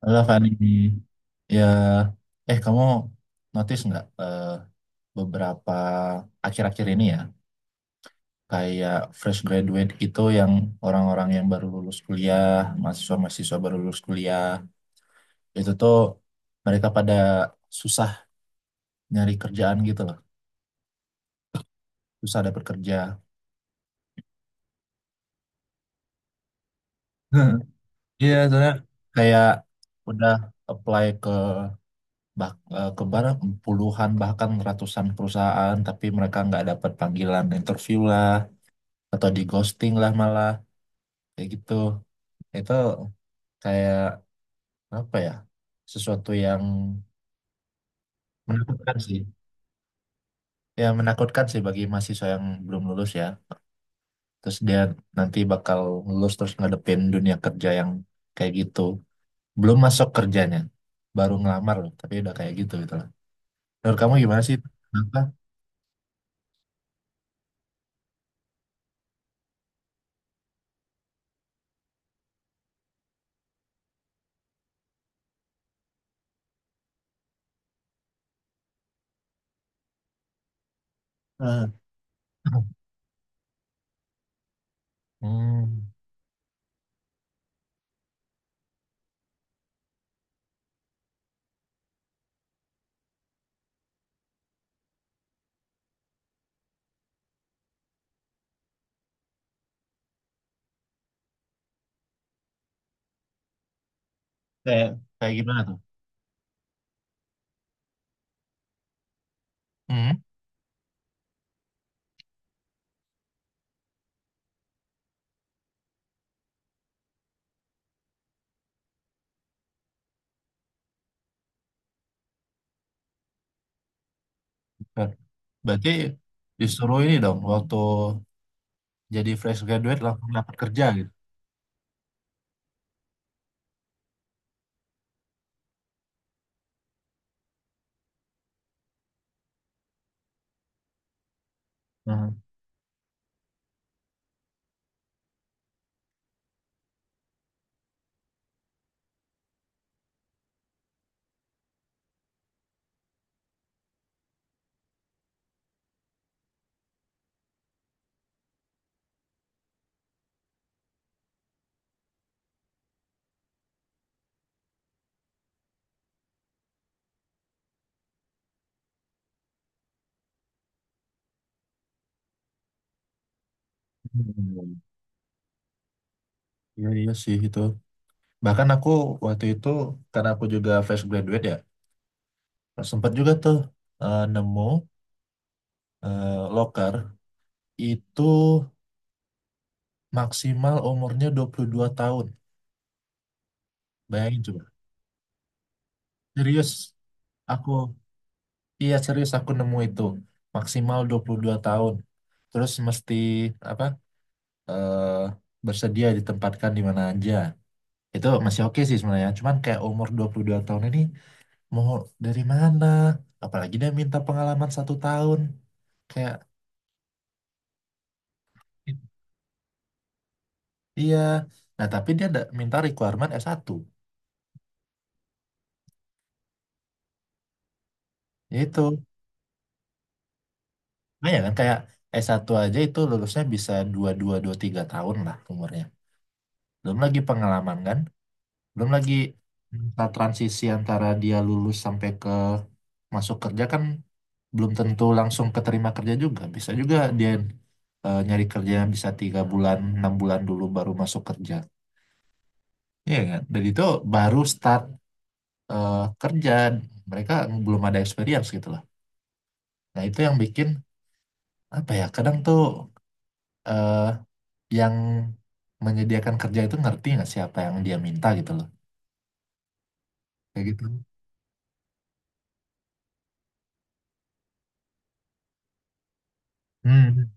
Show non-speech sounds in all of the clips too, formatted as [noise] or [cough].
Halo Fani, ya, kamu notice nggak beberapa akhir-akhir ini ya, kayak fresh graduate itu yang orang-orang yang baru lulus kuliah, mahasiswa-mahasiswa baru lulus kuliah, itu tuh mereka pada susah nyari kerjaan gitu loh, susah dapet kerja. [laughs] Hmm. Iya, soalnya kayak udah apply ke barang puluhan bahkan ratusan perusahaan, tapi mereka nggak dapat panggilan interview lah, atau di ghosting lah malah kayak gitu. Itu kayak apa ya, sesuatu yang menakutkan sih, ya menakutkan sih bagi mahasiswa yang belum lulus ya. Terus dia nanti bakal lulus terus ngadepin dunia kerja yang kayak gitu. Belum masuk kerjanya, baru ngelamar loh, tapi udah kayak gitu gitu lah. Menurut kamu gimana sih, kenapa? Nah. hmm, kayak kayak gimana tuh? Hmm. Ber- Berarti disuruh ini dong, waktu jadi fresh graduate langsung dapat kerja gitu. Nah. Hmm, iya, iya sih itu. Bahkan aku waktu itu, karena aku juga fresh graduate ya, sempat juga tuh nemu loker itu maksimal umurnya 22 tahun. Bayangin coba. Serius, aku, iya serius aku nemu itu maksimal 22 tahun. Terus mesti apa? eh, Bersedia ditempatkan di mana aja. Itu masih oke sih sebenarnya. Cuman kayak umur 22 tahun ini mau dari mana? Apalagi dia minta pengalaman 1 tahun. Kayak, iya. Nah, tapi dia ada minta requirement S1. Yaitu, nah ya kan kayak S1 aja itu lulusnya bisa dua dua dua tiga tahun lah umurnya. Belum lagi pengalaman kan. Belum lagi masa transisi antara dia lulus sampai ke masuk kerja kan belum tentu langsung keterima kerja juga. Bisa juga dia nyari kerja yang bisa 3 bulan, 6 bulan dulu baru masuk kerja. Iya kan? Dan itu baru start eh, kerja, mereka belum ada experience gitu lah. Nah itu yang bikin apa ya, kadang tuh eh, yang menyediakan kerja itu ngerti nggak siapa yang dia minta gitu loh, kayak gitu. Hmm,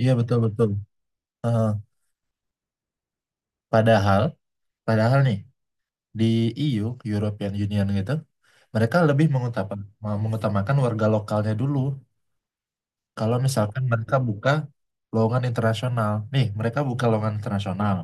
iya betul betul. Eh, padahal padahal nih di EU, European Union gitu, mereka lebih mengutamakan mengutamakan warga lokalnya dulu. Kalau misalkan mereka buka lowongan internasional, nih mereka buka lowongan internasional,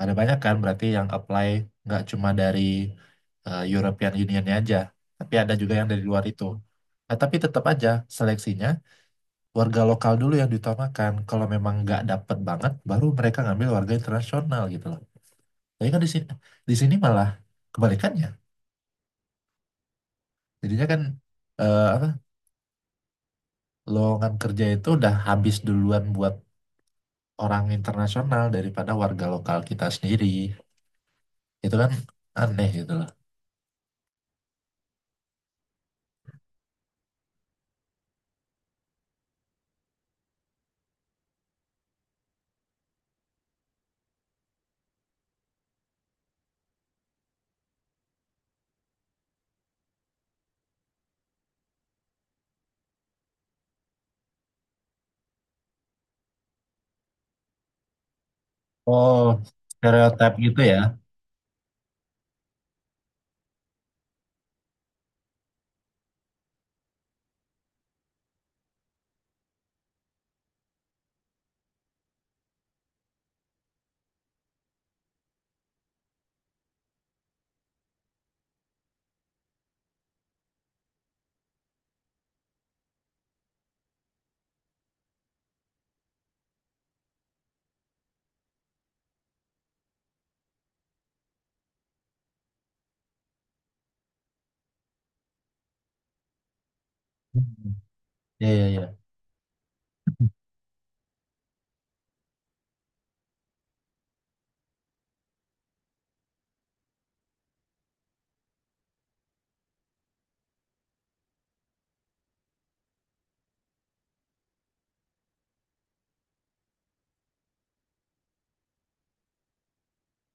ada banyak kan berarti yang apply, nggak cuma dari European Union aja, tapi ada juga yang dari luar itu. Nah, tapi tetap aja seleksinya warga lokal dulu yang diutamakan. Kalau memang nggak dapet banget, baru mereka ngambil warga internasional gitu loh. Tapi kan di sini, di sini malah kebalikannya. Jadinya kan apa, lowongan kerja itu udah habis duluan buat orang internasional daripada warga lokal kita sendiri. Itu kan aneh gitu loh. Oh, stereotip gitu ya. Hmm. Iya, iya, iya.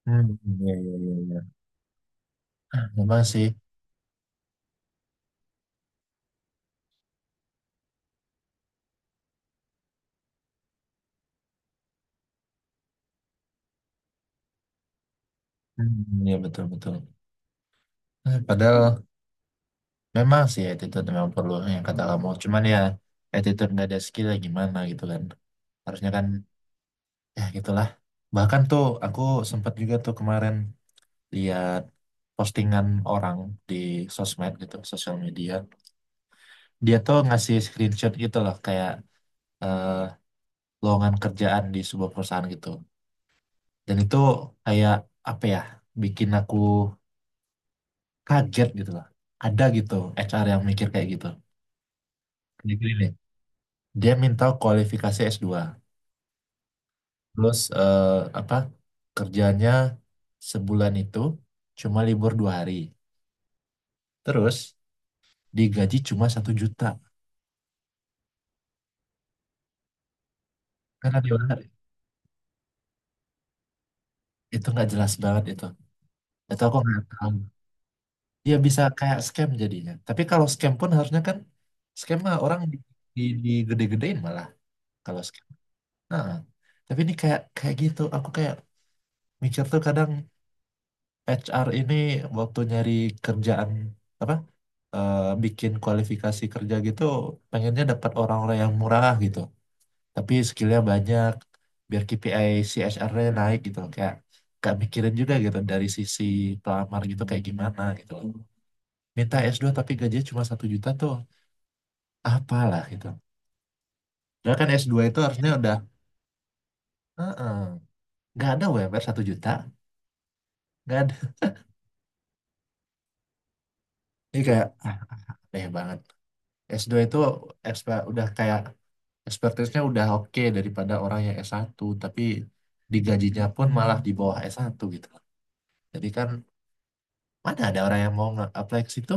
Hmm, iya, iya, iya, iya. Ah, memang sih. Hmm, iya, betul, betul. Padahal memang sih, attitude memang perlu yang kata kamu. Cuman ya attitude nggak ada skill ya gimana gitu kan. Harusnya kan, ya gitulah. Bahkan tuh aku sempat juga tuh kemarin lihat postingan orang di sosmed gitu, sosial media. Dia tuh ngasih screenshot gitu loh kayak eh, lowongan kerjaan di sebuah perusahaan gitu. Dan itu kayak apa ya, bikin aku kaget gitu lah. Ada gitu HR yang mikir kayak gitu. Kayak gini nih, dia minta kualifikasi S2. Terus apa, kerjanya sebulan itu cuma libur 2 hari. Terus digaji cuma 1 juta. Karena dia orang- itu nggak jelas banget itu. Itu aku nggak paham. Dia bisa kayak scam jadinya. Tapi kalau scam pun harusnya kan scam mah orang digede-gedein malah kalau scam. Nah, tapi ini kayak kayak gitu. Aku kayak mikir tuh kadang HR ini waktu nyari kerjaan apa, bikin kualifikasi kerja gitu pengennya dapat orang-orang yang murah gitu tapi skillnya banyak biar KPI CSR-nya naik gitu, kayak gak mikirin juga gitu dari sisi pelamar, gitu kayak gimana gitu. Minta S2 tapi gajinya cuma 1 juta tuh apalah gitu. Padahal kan S2 itu harusnya udah... Heeh, nggak ada UMR 1 juta, nggak ada. Ini kayak, ah, aneh banget. S2 itu udah kayak, expertise-nya udah oke daripada orang yang S1, tapi digajinya pun malah di bawah S1 gitu loh. Jadi kan mana ada orang yang mau nge-apply ke situ?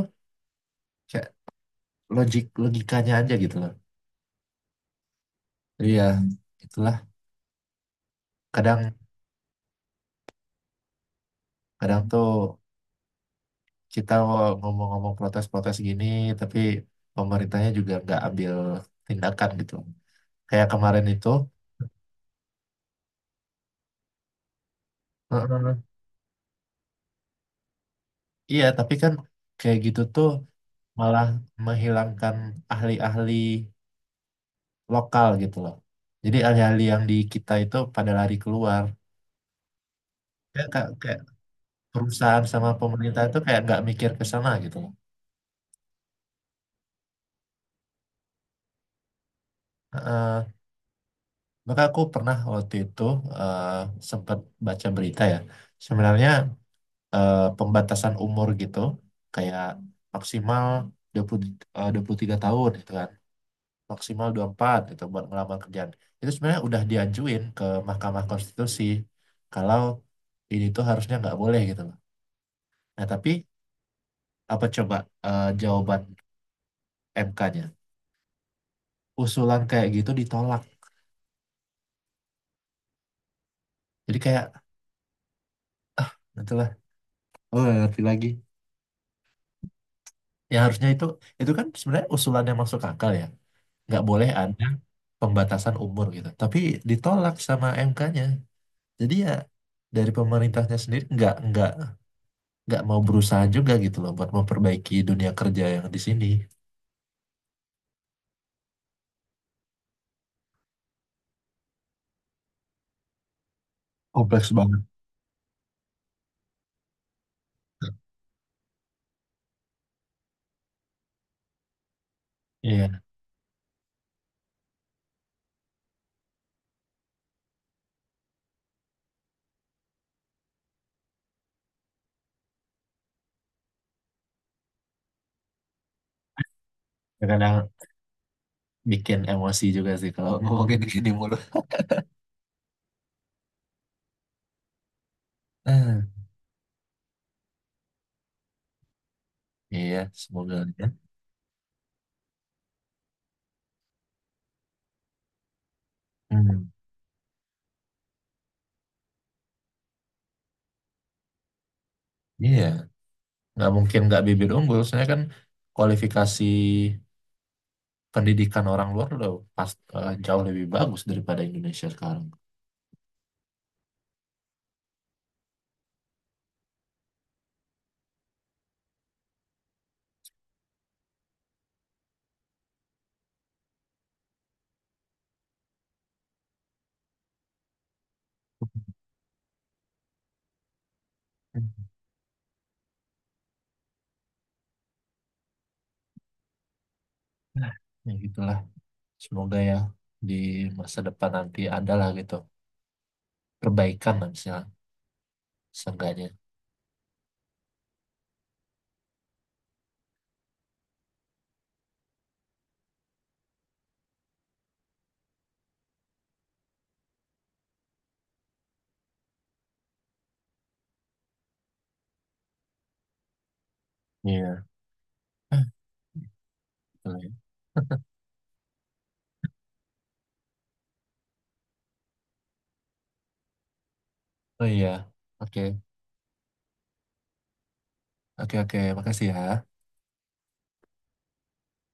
Kayak logik, logikanya aja gitu loh. Jadi ya itulah kadang, kadang tuh kita ngomong-ngomong protes-protes gini, tapi pemerintahnya juga nggak ambil tindakan gitu. Kayak kemarin itu, heeh. Iya tapi kan kayak gitu tuh malah menghilangkan ahli-ahli lokal gitu loh. Jadi alih-alih yang di kita itu pada lari keluar, kayak perusahaan sama pemerintah itu kayak nggak mikir ke sana gitu loh. Heeh. Maka aku pernah waktu itu eh, sempat baca berita ya. Sebenarnya pembatasan umur gitu kayak maksimal 20, eh, 23 tahun gitu kan. Maksimal 24 gitu buat ngelamar kerjaan. Itu sebenarnya udah diajuin ke Mahkamah Konstitusi kalau ini tuh harusnya nggak boleh gitu loh. Nah, tapi apa coba jawaban MK-nya, usulan kayak gitu ditolak. Jadi kayak itulah, oh nggak ngerti lagi. Ya harusnya itu kan sebenarnya usulan yang masuk akal ya, nggak boleh ada pembatasan umur gitu, tapi ditolak sama MK-nya. Jadi ya dari pemerintahnya sendiri nggak mau berusaha juga gitu loh buat memperbaiki dunia kerja yang di sini kompleks banget. Iya, kadang bikin emosi juga sih kalau ngomongin gini mulu. Ah, iya semoga aja. Hmm, iya, nggak mungkin nggak bibit unggul soalnya kan kualifikasi pendidikan orang luar udah jauh lebih bagus daripada Indonesia sekarang. Nah, ya gitulah, semoga ya di masa depan nanti ada lah gitu perbaikan lah, misalnya seenggaknya. Iya. Betul ya. Oh iya. Oke. Oke, oke, makasih ya.